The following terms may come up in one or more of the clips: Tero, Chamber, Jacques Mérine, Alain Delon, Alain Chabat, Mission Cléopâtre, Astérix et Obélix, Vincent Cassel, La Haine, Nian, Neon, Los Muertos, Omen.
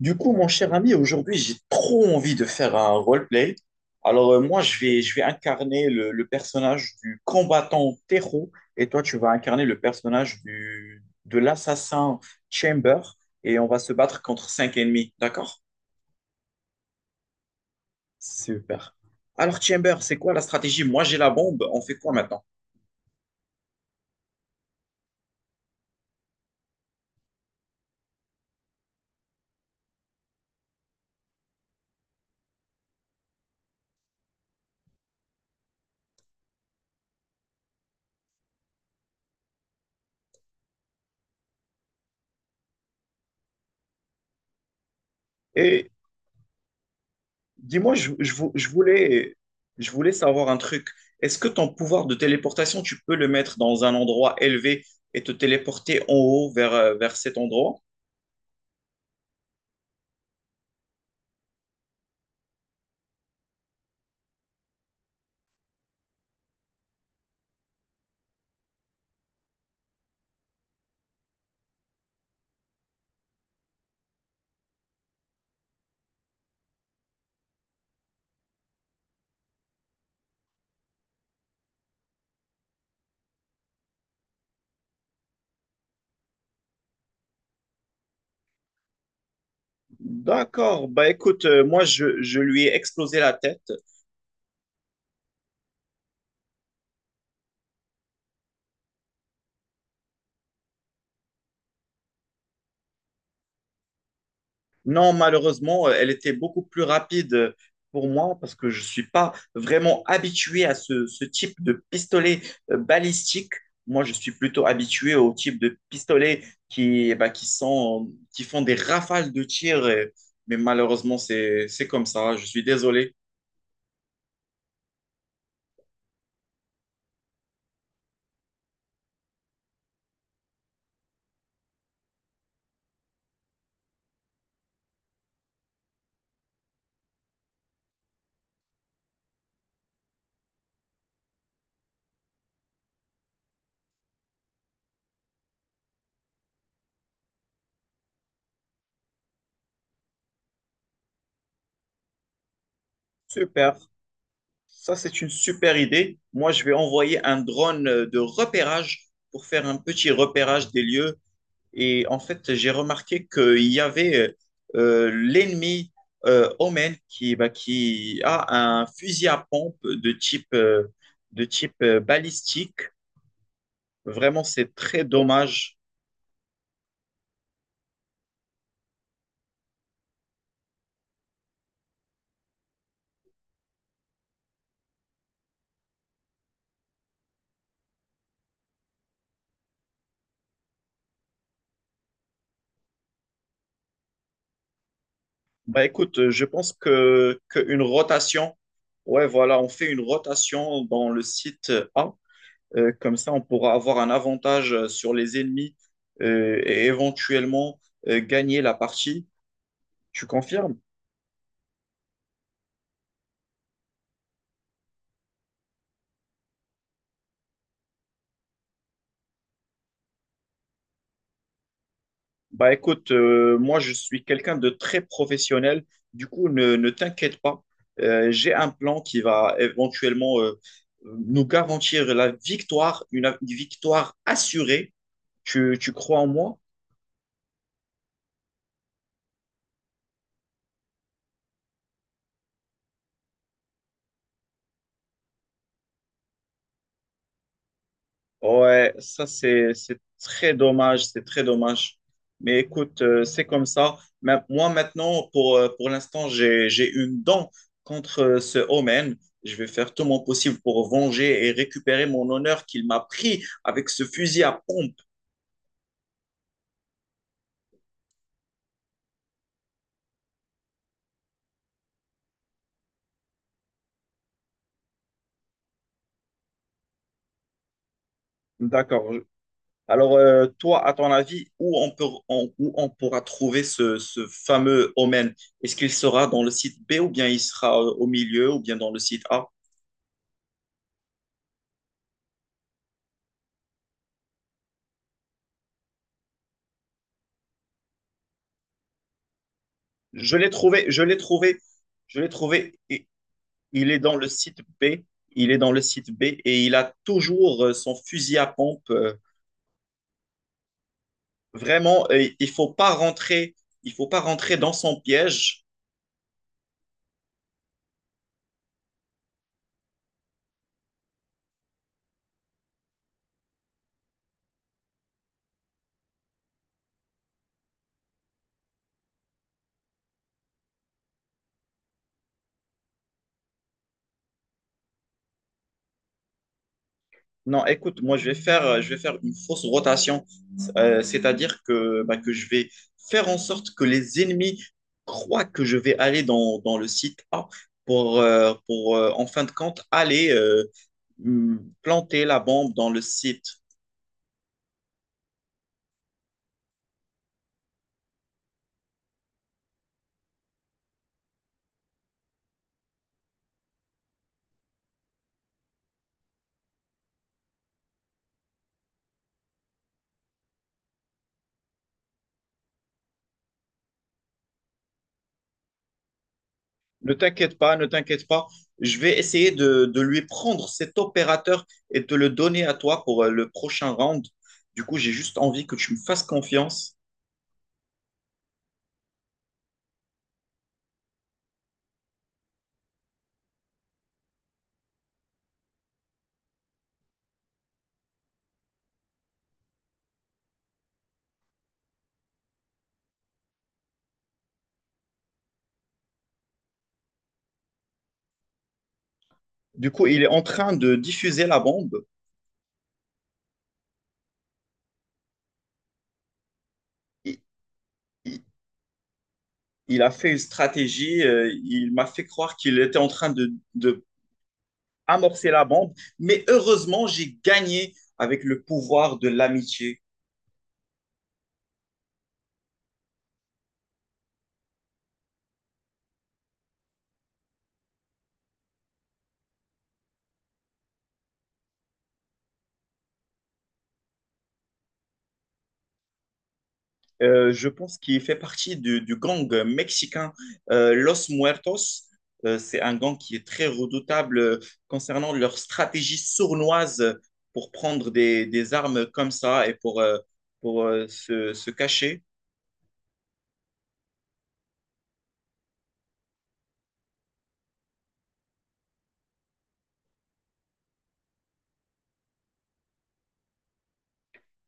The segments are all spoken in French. Du coup, mon cher ami, aujourd'hui, j'ai trop envie de faire un roleplay. Alors, moi, je vais incarner le personnage du combattant Tero et toi, tu vas incarner le personnage de l'assassin Chamber et on va se battre contre 5 ennemis. D'accord? Super. Alors, Chamber, c'est quoi la stratégie? Moi, j'ai la bombe. On fait quoi maintenant? Dis-moi, je voulais savoir un truc. Est-ce que ton pouvoir de téléportation, tu peux le mettre dans un endroit élevé et te téléporter en haut vers cet endroit? D'accord. Bah écoute, moi, je lui ai explosé la tête. Non, malheureusement, elle était beaucoup plus rapide pour moi parce que je ne suis pas vraiment habitué à ce type de pistolet balistique. Moi, je suis plutôt habitué au type de pistolet qui, bah, qui font des rafales de tir. Mais malheureusement, c'est comme ça. Je suis désolé. Super. Ça, c'est une super idée. Moi, je vais envoyer un drone de repérage pour faire un petit repérage des lieux. Et en fait, j'ai remarqué qu'il y avait l'ennemi Omen qui, bah, qui a un fusil à pompe de de type balistique. Vraiment, c'est très dommage. Bah, écoute, je pense que, qu'une rotation, ouais, voilà, on fait une rotation dans le site A. Comme ça, on pourra avoir un avantage sur les ennemis et éventuellement gagner la partie. Tu confirmes? Bah écoute, moi je suis quelqu'un de très professionnel, du coup ne t'inquiète pas. J'ai un plan qui va éventuellement nous garantir la victoire, une victoire assurée. Tu crois en moi? Ouais, ça c'est très dommage, c'est très dommage. Mais écoute, c'est comme ça. Mais moi maintenant, pour l'instant, j'ai une dent contre ce Omen. Je vais faire tout mon possible pour venger et récupérer mon honneur qu'il m'a pris avec ce fusil à pompe. D'accord. Alors, toi, à ton avis, où on où on pourra trouver ce fameux Omen? Est-ce qu'il sera dans le site B ou bien il sera au milieu ou bien dans le site A? Je l'ai trouvé, je l'ai trouvé, je l'ai trouvé. Et il est dans le site B, il est dans le site B et il a toujours son fusil à pompe. Vraiment, il faut pas rentrer, il faut pas rentrer dans son piège. Non, écoute, moi je vais je vais faire une fausse rotation. C'est-à-dire que bah, que je vais faire en sorte que les ennemis croient que je vais aller dans le site A pour en fin de compte planter la bombe dans le site. Ne t'inquiète pas, ne t'inquiète pas. Je vais essayer de lui prendre cet opérateur et de le donner à toi pour le prochain round. Du coup, j'ai juste envie que tu me fasses confiance. Du coup, il est en train de diffuser la bombe. Il, il- il a fait une stratégie. Euh, il m'a fait croire qu'il était en train de amorcer la bombe. Mais heureusement, j'ai gagné avec le pouvoir de l'amitié. Je pense qu'il fait partie du gang mexicain Los Muertos. C'est un gang qui est très redoutable concernant leur stratégie sournoise pour prendre des armes comme ça et pour se, se cacher.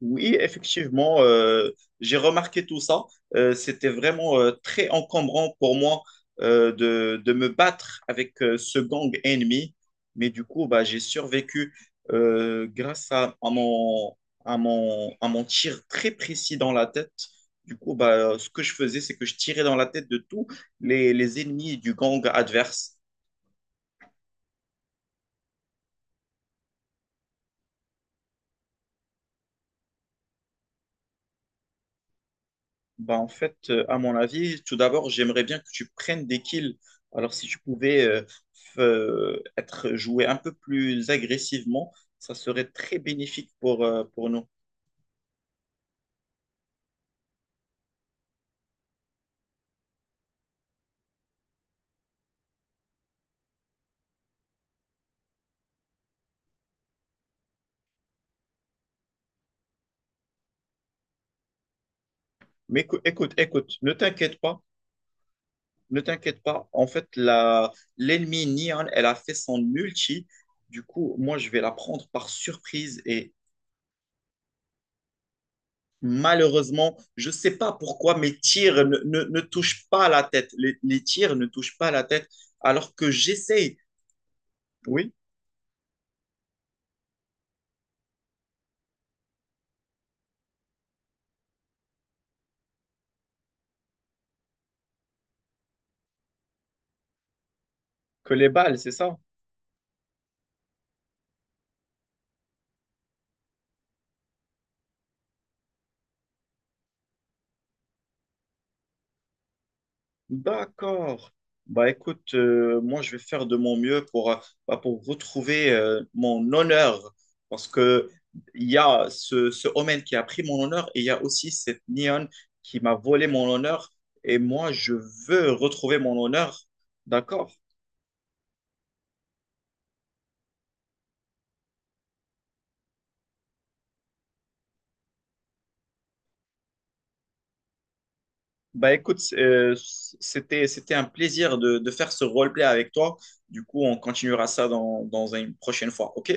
Oui, effectivement, j'ai remarqué tout ça. C'était vraiment très encombrant pour moi de me battre avec ce gang ennemi. Mais du coup, bah, j'ai survécu grâce à mon, à mon tir très précis dans la tête. Du coup, bah, ce que je faisais, c'est que je tirais dans la tête de tous les ennemis du gang adverse. Bah, en fait, à mon avis, tout d'abord, j'aimerais bien que tu prennes des kills. Alors, si tu pouvais être joué un peu plus agressivement, ça serait très bénéfique pour nous. Mais écoute, écoute, ne t'inquiète pas, ne t'inquiète pas. En fait, l'ennemi Nian, elle a fait son ulti. Du coup, moi, je vais la prendre par surprise et malheureusement, je sais pas pourquoi mes tirs ne touchent pas la tête. Les tirs ne touchent pas la tête alors que j'essaye. Oui, que les balles, c'est ça? D'accord. Bah écoute, moi je vais faire de mon mieux bah, pour retrouver mon honneur. Parce que il y a ce Omen qui a pris mon honneur et il y a aussi cette Neon qui m'a volé mon honneur. Et moi je veux retrouver mon honneur. D'accord. Bah écoute, c'était un plaisir de faire ce roleplay avec toi. Du coup, on continuera ça dans une prochaine fois. OK?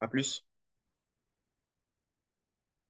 À plus.